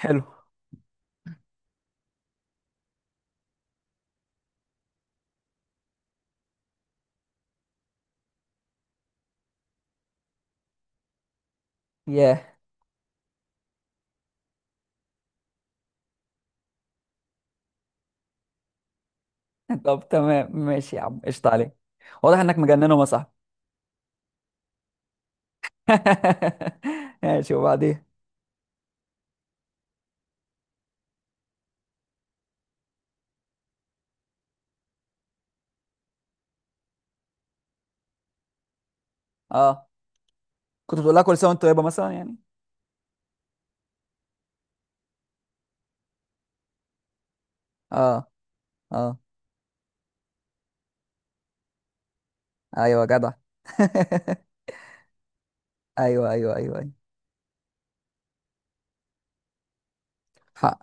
حلو. ياه. طب، تمام، ماشي يا عم، قشطة عليك. واضح انك مجنن وما صاحبي. ماشي، وبعدين؟ اه، كنت بتقول لها كل سنه وانت طيبه مثلا يعني. اه. اه. ايوه جدع. ايوه، ايوه، ايوه، ايوه. حق.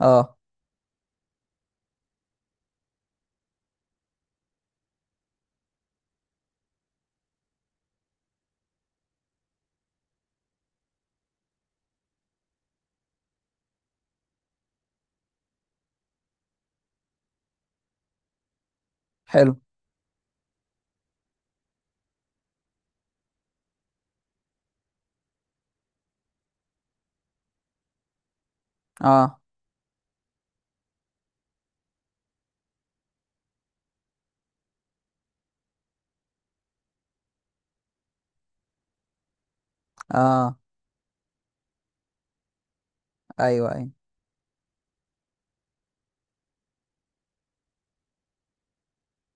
اه. حلو. اه. اه. ايوه، ايوه.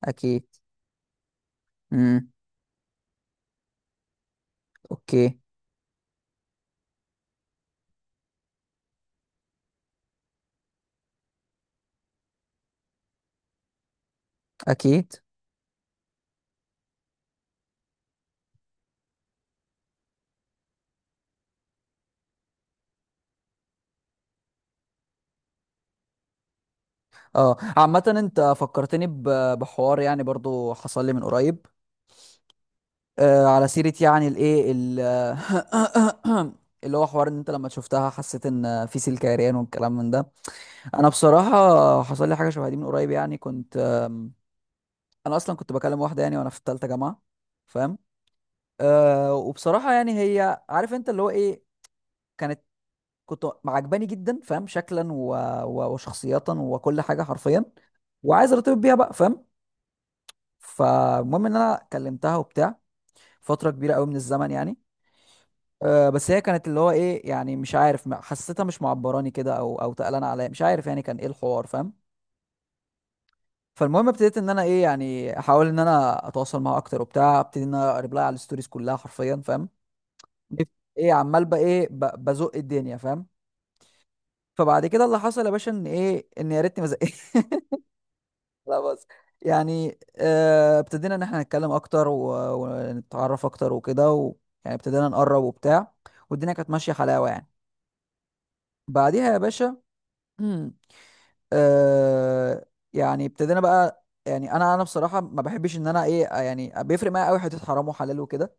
اكيد. امم. اوكي. اكيد. اه. عامة انت فكرتني ب- بحوار يعني، برضو حصل لي من قريب. على سيرة يعني الايه اللي هو حوار ان انت لما شفتها حسيت ان في سلك عريان والكلام من ده. انا بصراحة حصل لي حاجة شبه دي من قريب، يعني كنت. انا اصلا كنت بكلم واحدة يعني وانا في التالتة جامعة. فاهم؟ وبصراحة يعني، هي عارف انت اللي هو ايه، كانت كنت عجباني جدا، فاهم، شكلا و... و... وشخصية وكل حاجة حرفيا، وعايز ارتبط بيها بقى، فاهم. فالمهم ان انا كلمتها وبتاع فترة كبيرة قوي من الزمن يعني. بس هي كانت اللي هو ايه، يعني مش عارف، حسيتها مش معبراني كده او او تقلانه عليا، مش عارف يعني كان ايه الحوار، فاهم. فالمهم ابتديت ان انا ايه يعني، احاول ان انا اتواصل معاها اكتر وبتاع، ابتدي ان انا اقرب لها على الستوريز كلها حرفيا، فاهم. جيت ايه، عمال بقى ايه ب- بزق الدنيا، فاهم. فبعد كده اللي حصل يا باشا ان ايه، ان يا ريتني ما زقتش. لا بس يعني، ابتدينا ان احنا نتكلم اكتر و- ونتعرف اكتر وكده يعني ابتدينا نقرب وبتاع، والدنيا كانت ماشيه حلاوه يعني. بعديها يا باشا، آه يعني ابتدينا بقى، يعني انا بصراحه ما بحبش ان انا ايه يعني، بيفرق معايا قوي حته حرام وحلال وكده،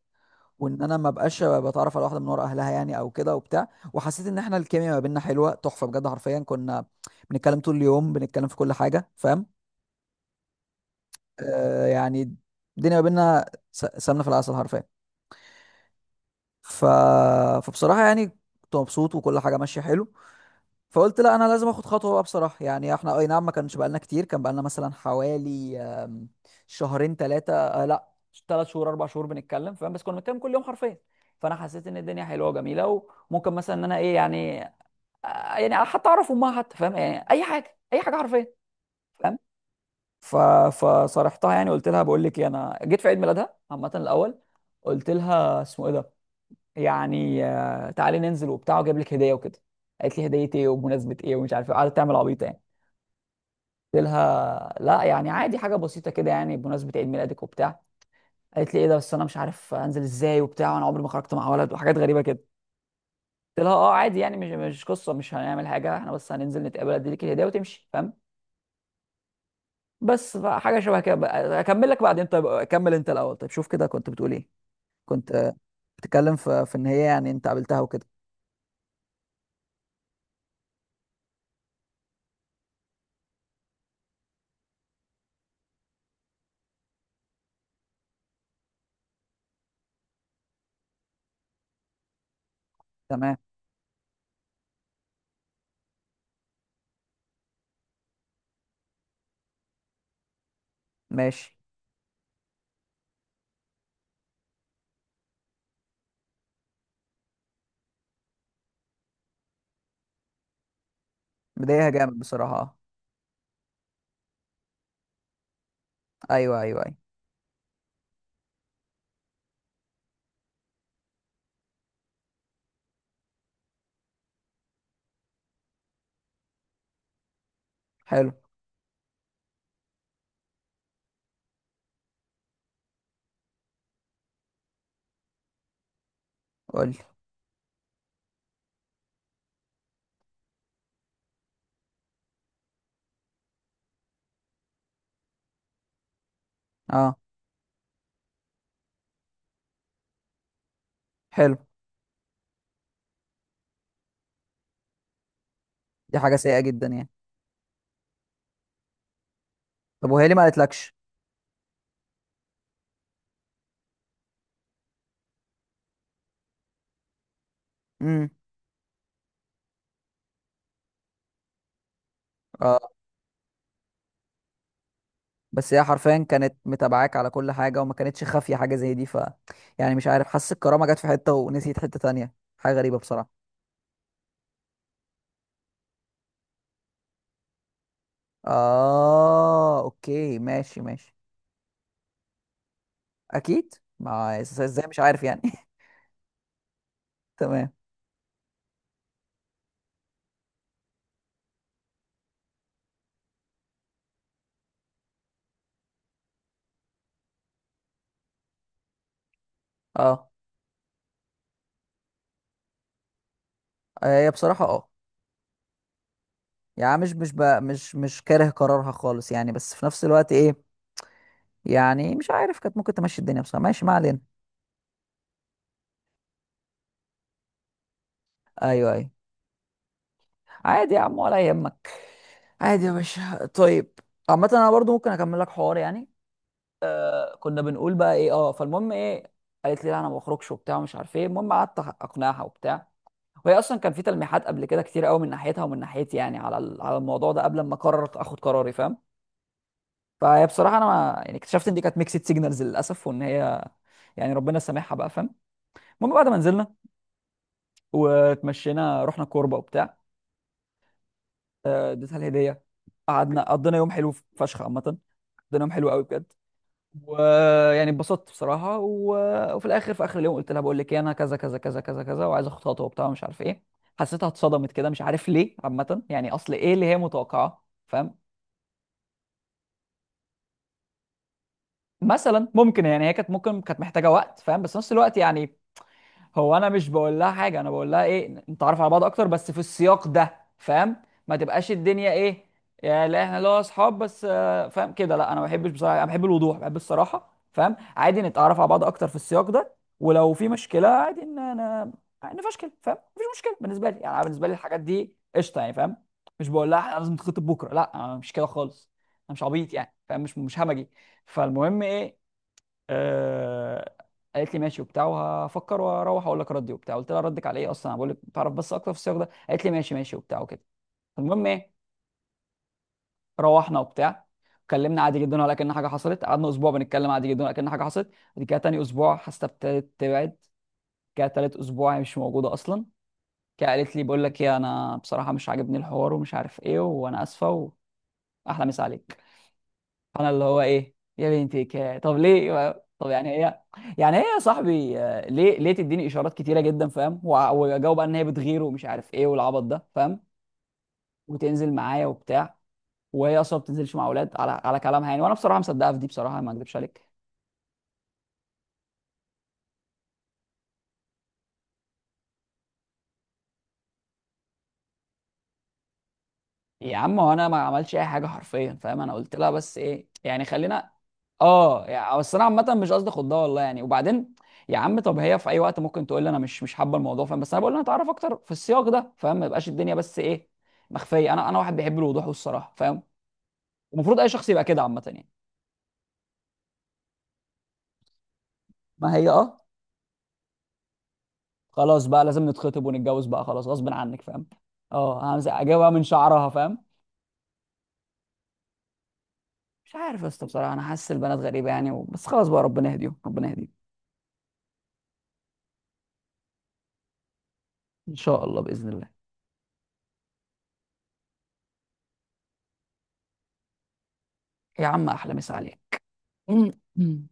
وان انا ما بقاش بتعرف على واحده من ورا اهلها، يعني او كده وبتاع. وحسيت ان احنا الكيمياء ما بيننا حلوه تحفه بجد، حرفيا كنا بنتكلم طول اليوم، بنتكلم في كل حاجه، فاهم. يعني الدنيا ما بيننا س- سمنه في العسل حرفيا. ف... فبصراحه يعني كنت مبسوط وكل حاجه ماشيه حلو. فقلت لا، انا لازم اخد خطوه بقى، بصراحه يعني احنا اي نعم ما كانش بقالنا كتير، كان بقالنا مثلا حوالي، شهرين، ثلاثه لا 3 شهور، 4 شهور بنتكلم، فاهم، بس كنا بنتكلم كل يوم حرفيا. فانا حسيت ان الدنيا حلوه وجميله، وممكن مثلا ان انا ايه يعني، يعني حتى اعرف امها حتى، فاهم، يعني اي حاجه اي حاجه حرفيا، فاهم. ف فصارحتها يعني، قلت لها بقول لك ايه، انا جيت في عيد ميلادها عامه الاول، قلت لها اسمه ايه ده، يعني تعالي ننزل وبتاع، واجيب لك هديه وكده. قالت لي هديه ايه، وبمناسبه ايه، ومش عارف ايه، قعدت تعمل عبيطه يعني. قلت لها لا يعني، عادي حاجه بسيطه كده يعني، بمناسبه عيد ميلادك وبتاع. قالت لي ايه ده، بس انا مش عارف انزل ازاي وبتاع، وانا عمري ما خرجت مع ولد وحاجات غريبه كده. قلت لها اه عادي يعني، مش قصه، مش هنعمل حاجه، احنا بس هننزل نتقابل، اديلك الهديه وتمشي، فاهم. بس حاجه شبه كده اكمل لك بعدين، طيب اكمل انت الاول، طيب شوف كده، كنت بتقول ايه، كنت بتتكلم في ان هي يعني انت قابلتها وكده. تمام. ماشي. بداية جامد بصراحه. اه. ايوه، ايوه، ايوه. حلو. قول لي. اه. حلو. دي حاجه سيئه جدا يعني. طب وهي ليه ما قالتلكش؟ امم. اه. بس هي حرفيا كانت متابعاك على كل حاجة، وما كانتش خافية حاجة زي دي، يعني مش عارف، حاسس الكرامة جت في حتة ونسيت حتة تانية، حاجة غريبة بصراحة. اه. اوكي، ماشي ماشي. اكيد، ما ازاي مش عارف يعني. تمام. اه. هي بصراحة اه يعني، مش مش كاره قرارها خالص يعني، بس في نفس الوقت ايه، يعني مش عارف، كانت ممكن تمشي الدنيا بصراحة، ماشي ما علينا. ايوه، ايوه. عادي يا عم ولا يهمك. عادي يا باشا. طيب، عامة انا برضو ممكن اكمل لك حوار يعني، كنا بنقول بقى ايه، اه فالمهم ايه، قالت لي لا انا ما بخرجش وبتاع، ومش عارف ايه، المهم قعدت اقنعها وبتاع، وهي اصلا كان في تلميحات قبل كده كتير قوي، من ناحيتها ومن ناحيتي يعني، على الموضوع ده قبل ما قررت اخد قراري، فاهم. فهي بصراحه، انا ما يعني اكتشفت ان دي كانت ميكسد سيجنالز للاسف، وان هي يعني ربنا سامحها بقى، فاهم. المهم، بعد ما نزلنا واتمشينا رحنا كوربه وبتاع، اديتها الهديه، قعدنا قضينا يوم حلو فشخ عامه، قضينا يوم حلو قوي بجد، ويعني اتبسطت بصراحه. وفي الاخر، في اخر اليوم قلت لها بقول لك ايه، انا كذا كذا كذا كذا كذا، وعايز اخد خطوه وبتاع، مش عارف ايه. حسيتها اتصدمت كده، مش عارف ليه، عامه يعني اصل ايه اللي هي متوقعاه، فاهم. مثلا ممكن يعني هي كانت ممكن كانت محتاجه وقت، فاهم، بس في نفس الوقت يعني، هو انا مش بقول لها حاجه، انا بقول لها ايه، نتعرف على بعض اكتر بس في السياق ده، فاهم، ما تبقاش الدنيا ايه، يا لا احنا لو اصحاب بس، فاهم كده، لا انا ما بحبش بصراحه، انا بحب الوضوح، بحب الصراحه، فاهم، عادي نتعرف على بعض اكتر في السياق ده، ولو في مشكله عادي ان انا نفشكل، فاهم، مفيش مشكله بالنسبه لي يعني، أنا بالنسبه لي الحاجات دي قشطه يعني، فاهم. مش بقول لها احنا لازم نتخطب بكره، لا أنا مش كده خالص، انا مش عبيط يعني، فاهم، مش همجي. فالمهم ايه، آه قالت لي ماشي وبتاع، وهفكر واروح اقول لك ردي وبتاع، قلت لها ردك على ايه اصلا، انا بقول لك تعرف بس اكتر في السياق ده، قالت لي ماشي ماشي وبتاع وكده. المهم ايه، روحنا وبتاع، اتكلمنا عادي جدا ولا كأن حاجه حصلت، قعدنا اسبوع بنتكلم عادي جدا ولا كأن حاجه حصلت، بعد كده تاني اسبوع حاسه ابتدت تبعد كده، تالت اسبوع هي مش موجوده اصلا كده، قالت لي بقول لك ايه، انا بصراحه مش عاجبني الحوار، ومش عارف ايه، وانا اسفه، واحلى مسا عليك. انا اللي هو ايه، يا بنتي طب ليه، طب يعني هي، يا صاحبي، ليه ليه تديني اشارات كتيره جدا، فاهم، واجاوب بقى ان هي بتغير، ومش عارف ايه، والعبط ده، فاهم، وتنزل معايا وبتاع، وهي اصلا ما بتنزلش مع اولاد على كلامها يعني، وانا بصراحه مصدقها في دي، بصراحه ما اكذبش عليك. يا عم هو انا ما عملتش اي حاجه حرفيا، فاهم، انا قلت لها بس ايه، يعني خلينا اه يعني، بس انا عامه مش قصدي خدها والله يعني، وبعدين يا عم طب هي في اي وقت ممكن تقول لي انا مش حابه الموضوع، فاهم، بس انا بقول لها اتعرف اكتر في السياق ده، فاهم، ما يبقاش الدنيا بس ايه مخفيه، انا واحد بيحب الوضوح والصراحه، فاهم، المفروض اي شخص يبقى كده عامه يعني. ما هي اه، خلاص بقى لازم نتخطب ونتجوز بقى، خلاص غصب عنك، فاهم. اه، همسك اجيبها من شعرها، فاهم. مش عارف يا اسطى بصراحه، انا حاسس البنات غريبه يعني، بس خلاص بقى، ربنا يهديهم ربنا يهديهم، ان شاء الله، باذن الله. يا عم احلى مسا عليك. مم.